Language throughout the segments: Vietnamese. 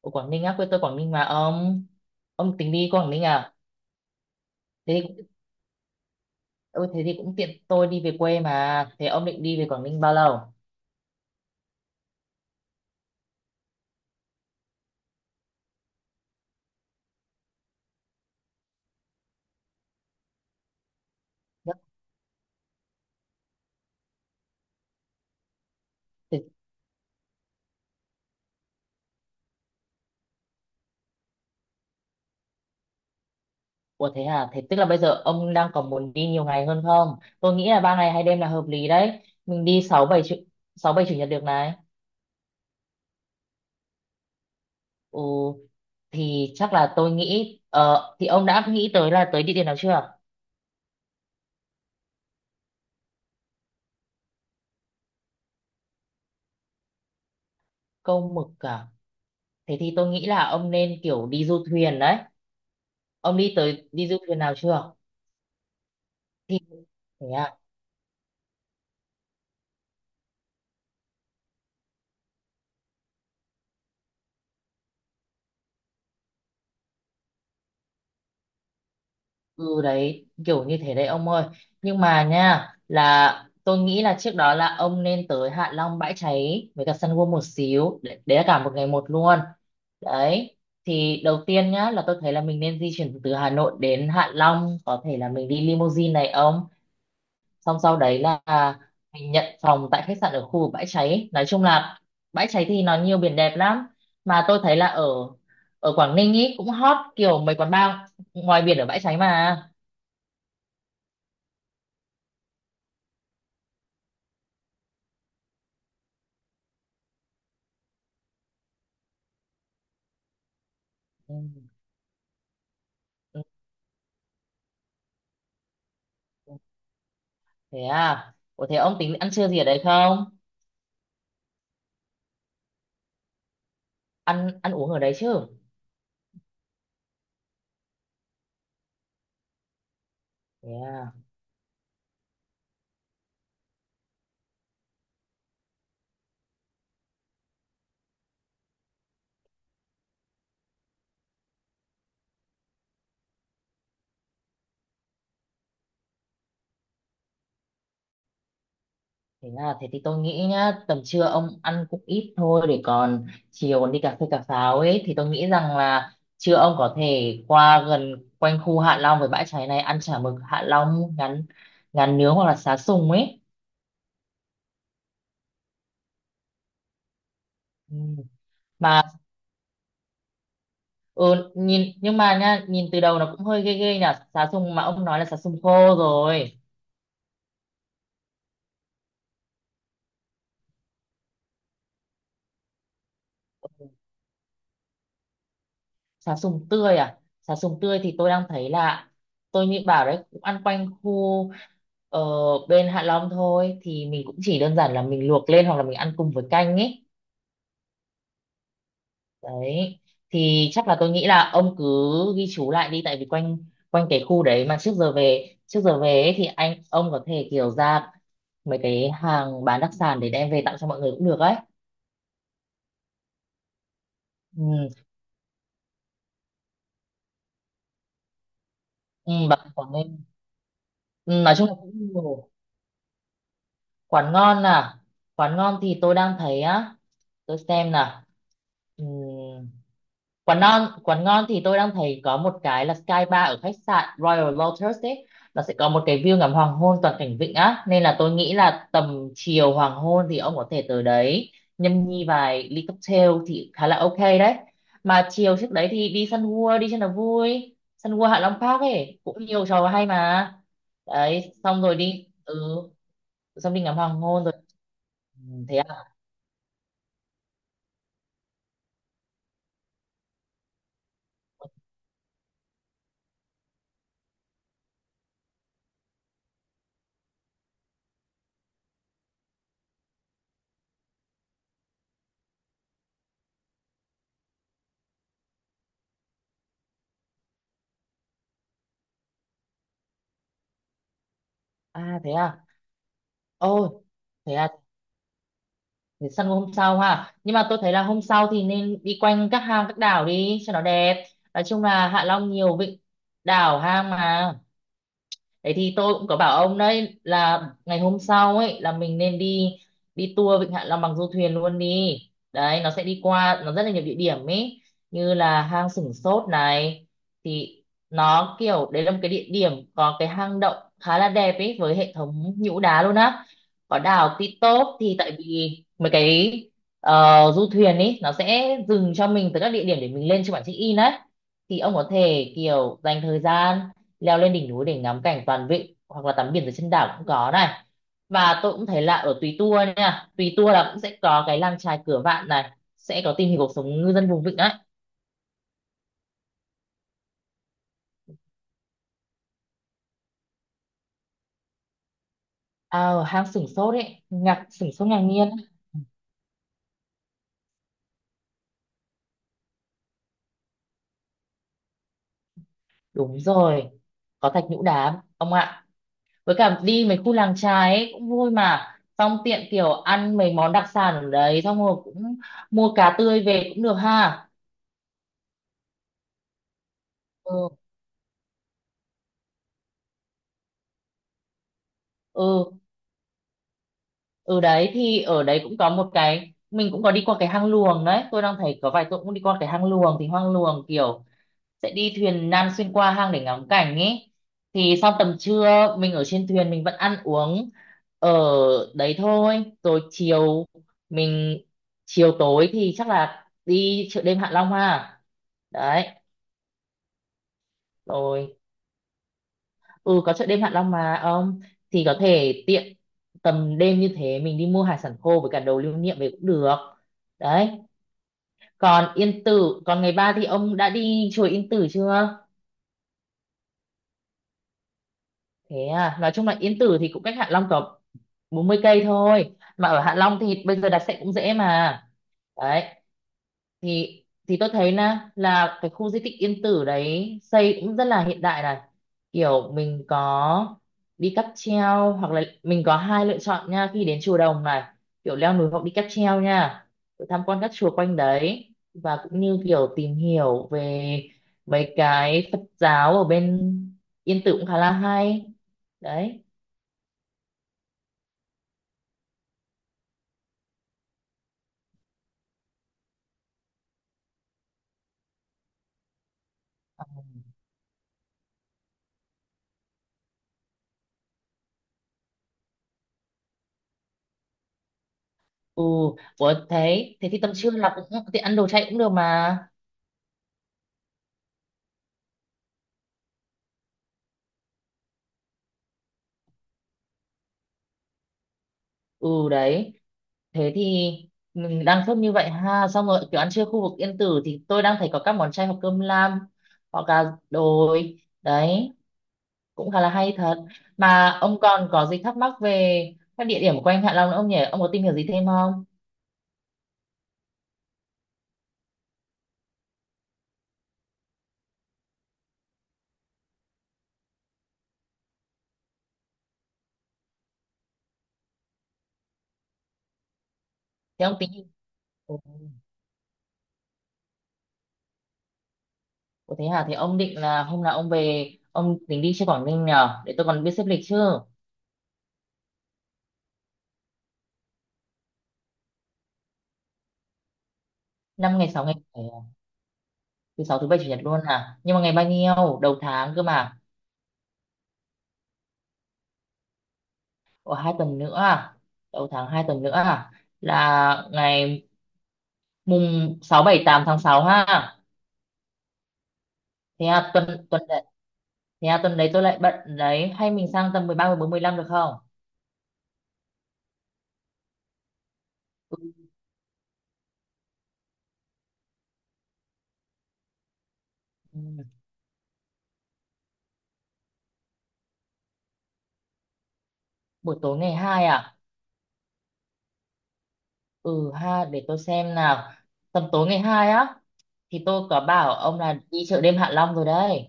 Ở Quảng Ninh á, quê tôi Quảng Ninh mà ông tính đi Quảng Ninh à? Thế ừ, thế thì cũng tiện tôi đi về quê mà. Thế ông định đi về Quảng Ninh bao lâu? Nhất- thế- Ủa thế à? Thế tức là bây giờ ông đang còn muốn đi nhiều ngày hơn không? Tôi nghĩ là 3 ngày 2 đêm là hợp lý đấy. Mình đi sáu bảy chủ nhật được này. Ừ, thì chắc là tôi nghĩ thì ông đã nghĩ tới là tới địa điểm nào chưa? Câu Mực à? Thế thì tôi nghĩ là ông nên kiểu đi du thuyền đấy. Ông đi tới đi du thuyền nào chưa? Thì thế à? Ừ, đấy kiểu như thế đấy ông ơi, nhưng mà nha là tôi nghĩ là trước đó là ông nên tới Hạ Long Bãi Cháy với cả Sun World một xíu đấy, đấy là cả một ngày một luôn đấy. Thì đầu tiên nhá là tôi thấy là mình nên di chuyển từ Hà Nội đến Hạ Long, có thể là mình đi limousine này ông, xong sau đấy là mình nhận phòng tại khách sạn ở khu vực Bãi Cháy. Nói chung là Bãi Cháy thì nó nhiều biển đẹp lắm, mà tôi thấy là ở ở Quảng Ninh ý cũng hot kiểu mấy quán bar ngoài biển ở Bãi Cháy mà. Ừ. Ừ, thế à, ủa thế ông tính ăn trưa gì ở đấy không? Ăn ăn uống ở đấy chứ. Thế à. Thế à. Thế thì tôi nghĩ nhá, tầm trưa ông ăn cũng ít thôi để còn chiều còn đi cà phê cà pháo ấy, thì tôi nghĩ rằng là trưa ông có thể qua gần quanh khu Hạ Long với Bãi Cháy này, ăn chả mực Hạ Long, ngắn ngắn nướng hoặc là xá sùng ấy. Ừ. Mà ừ, nhìn nhưng mà nhá nhìn từ đầu nó cũng hơi ghê ghê nhỉ, xá sùng mà ông nói là xá sùng khô rồi. Sá sùng tươi à? Sá sùng tươi thì tôi đang thấy là tôi nghĩ bảo đấy cũng ăn quanh khu ở bên Hạ Long thôi, thì mình cũng chỉ đơn giản là mình luộc lên hoặc là mình ăn cùng với canh ấy. Đấy. Thì chắc là tôi nghĩ là ông cứ ghi chú lại đi, tại vì quanh quanh cái khu đấy mà trước giờ về ấy, thì anh ông có thể kiểu ra mấy cái hàng bán đặc sản để đem về tặng cho mọi người cũng được ấy. Ừ, ừ, bà Quảng Ninh. Ừ, nói chung là cũng nhiều. Quán ngon à? Quán ngon thì tôi đang thấy á, tôi xem nào. Ừm, quán ngon thì tôi đang thấy có một cái là Sky Bar ở khách sạn Royal Lotus ấy, nó sẽ có một cái view ngắm hoàng hôn toàn cảnh vịnh á, nên là tôi nghĩ là tầm chiều hoàng hôn thì ông có thể tới đấy nhâm nhi vài ly cocktail thì khá là ok đấy. Mà chiều trước đấy thì đi Sun World đi cho nó vui, Sun World Hạ Long Park ấy cũng nhiều trò hay mà. Đấy, xong rồi đi xong đi ngắm hoàng hôn rồi. Ừ, thế à, à thế à, ôi thế à, thì săn hôm sau ha, nhưng mà tôi thấy là hôm sau thì nên đi quanh các hang các đảo đi cho nó đẹp, nói chung là Hạ Long nhiều vịnh đảo hang mà. Thế thì tôi cũng có bảo ông đấy là ngày hôm sau ấy là mình nên đi đi tour Vịnh Hạ Long bằng du thuyền luôn đi. Đấy, nó sẽ đi qua nó rất là nhiều địa điểm ấy, như là hang Sửng Sốt này, thì nó kiểu đấy là một cái địa điểm có cái hang động khá là đẹp ấy với hệ thống nhũ đá luôn á. Có đảo Ti Tốp, thì tại vì mấy cái du thuyền ấy nó sẽ dừng cho mình tới các địa điểm để mình lên trên bản check-in đấy, thì ông có thể kiểu dành thời gian leo lên đỉnh núi để ngắm cảnh toàn vịnh hoặc là tắm biển dưới chân đảo cũng có này. Và tôi cũng thấy là ở Tùy Tua nha, Tùy Tua là cũng sẽ có cái làng chài Cửa Vạn này, sẽ có tìm hiểu cuộc sống ngư dân vùng vịnh đấy. À, ở hang Sửng Sốt ấy, ngạc sửng sốt ngạc nhiên ấy. Đúng rồi, có thạch nhũ đá ông ạ, với cả đi mấy khu làng chài ấy cũng vui mà, xong tiện kiểu ăn mấy món đặc sản ở đấy xong rồi cũng mua cá tươi về cũng được ha. Ừ. Ừ, Ừ đấy thì ở đấy cũng có một cái, mình cũng có đi qua cái hang luồng đấy tôi đang thấy có vài tôi cũng đi qua cái hang luồng, kiểu sẽ đi thuyền nan xuyên qua hang để ngắm cảnh ấy. Thì sau tầm trưa mình ở trên thuyền mình vẫn ăn uống ở đấy thôi, rồi chiều mình chiều tối thì chắc là đi chợ đêm Hạ Long ha. Đấy, rồi ừ, có chợ đêm Hạ Long mà ông, thì có thể tiện tầm đêm như thế mình đi mua hải sản khô với cả đồ lưu niệm về cũng được đấy. Còn Yên Tử, còn ngày ba thì ông đã đi chùa Yên Tử chưa? Thế à, nói chung là Yên Tử thì cũng cách Hạ Long tầm 40 cây thôi mà, ở Hạ Long thì bây giờ đặt xe cũng dễ mà. Đấy, thì tôi thấy nè là cái khu di tích Yên Tử đấy xây cũng rất là hiện đại này, kiểu mình có đi cáp treo hoặc là mình có hai lựa chọn nha khi đến chùa Đồng này, kiểu leo núi hoặc đi cáp treo nha, rồi tham quan các chùa quanh đấy và cũng như kiểu tìm hiểu về mấy cái Phật giáo ở bên Yên Tử cũng khá là hay đấy. Ừ, ủa thế thế thì tầm trưa là cũng thì ăn đồ chay cũng được mà. Ừ đấy, thế thì mình đang sốt như vậy ha, xong rồi kiểu ăn trưa khu vực Yên Tử thì tôi đang thấy có các món chay hoặc cơm lam hoặc là đồi đấy cũng khá là hay thật. Mà ông còn có gì thắc mắc về các địa điểm quanh Hạ Long nữa không nhỉ, ông có tìm hiểu gì thêm không? Thế ông tính Ồ, ồ, thế hả, thế ông định là hôm nào ông về ông tính đi chơi Quảng Ninh nhờ để tôi còn biết xếp lịch chứ? Năm ngày sáu ngày bảy à? Thứ sáu thứ bảy chủ nhật luôn à, nhưng mà ngày bao nhiêu đầu tháng cơ mà? Ủa, 2 tuần nữa à? Đầu tháng 2 tuần nữa à? Là ngày mùng 6, 7, 8 tháng 6 ha. Thế à, tuần tuần đấy, Thế à, tuần đấy tôi lại bận đấy. Hay mình sang tầm 13, 14, 15 được không? Ừ. Ừ. Buổi tối ngày 2 à? Ừ ha, để tôi xem nào. Tầm tối ngày 2 á, thì tôi có bảo ông là đi chợ đêm Hạ Long rồi đấy.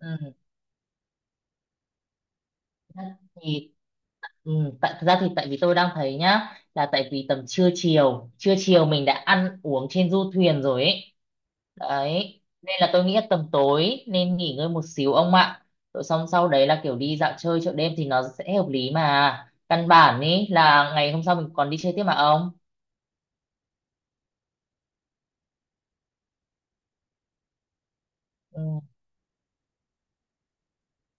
Ừ. Thì ừ, tại thật ra thì tại vì tôi đang thấy nhá là tại vì tầm trưa chiều mình đã ăn uống trên du thuyền rồi ấy, đấy nên là tôi nghĩ là tầm tối nên nghỉ ngơi một xíu ông ạ, rồi xong sau đấy là kiểu đi dạo chơi chợ đêm thì nó sẽ hợp lý mà, căn bản ý là ngày hôm sau mình còn đi chơi tiếp mà ông. Ừ.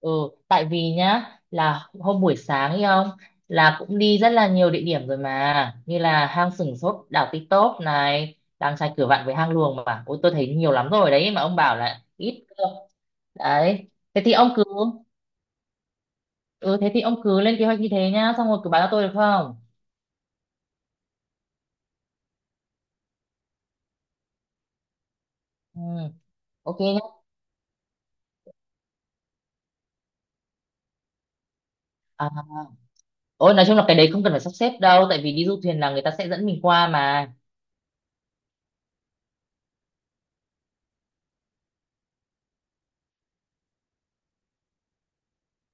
Ừ, tại vì nhá là hôm buổi sáng ấy ông là cũng đi rất là nhiều địa điểm rồi mà, như là hang Sửng Sốt, đảo Ti Tốp này, làng chài Cửa Vạn với hang Luồng mà, ôi tôi thấy nhiều lắm rồi đấy mà ông bảo là ít cơ. Đấy, thế thì ông cứ ừ thế thì ông cứ lên kế hoạch như thế nhá, xong rồi cứ báo cho tôi được không? Ừ, ok nhá. À, ôi nói chung là cái đấy không cần phải sắp xếp đâu, tại vì đi du thuyền là người ta sẽ dẫn mình qua mà.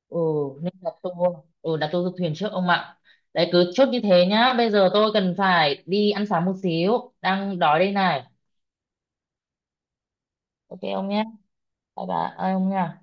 Ừ nên đặt tour ừ đặt tour du thuyền trước ông ạ. Đấy, cứ chốt như thế nhá, bây giờ tôi cần phải đi ăn sáng một xíu đang đói đây này. Ok ông nhé, bye bye ông nha.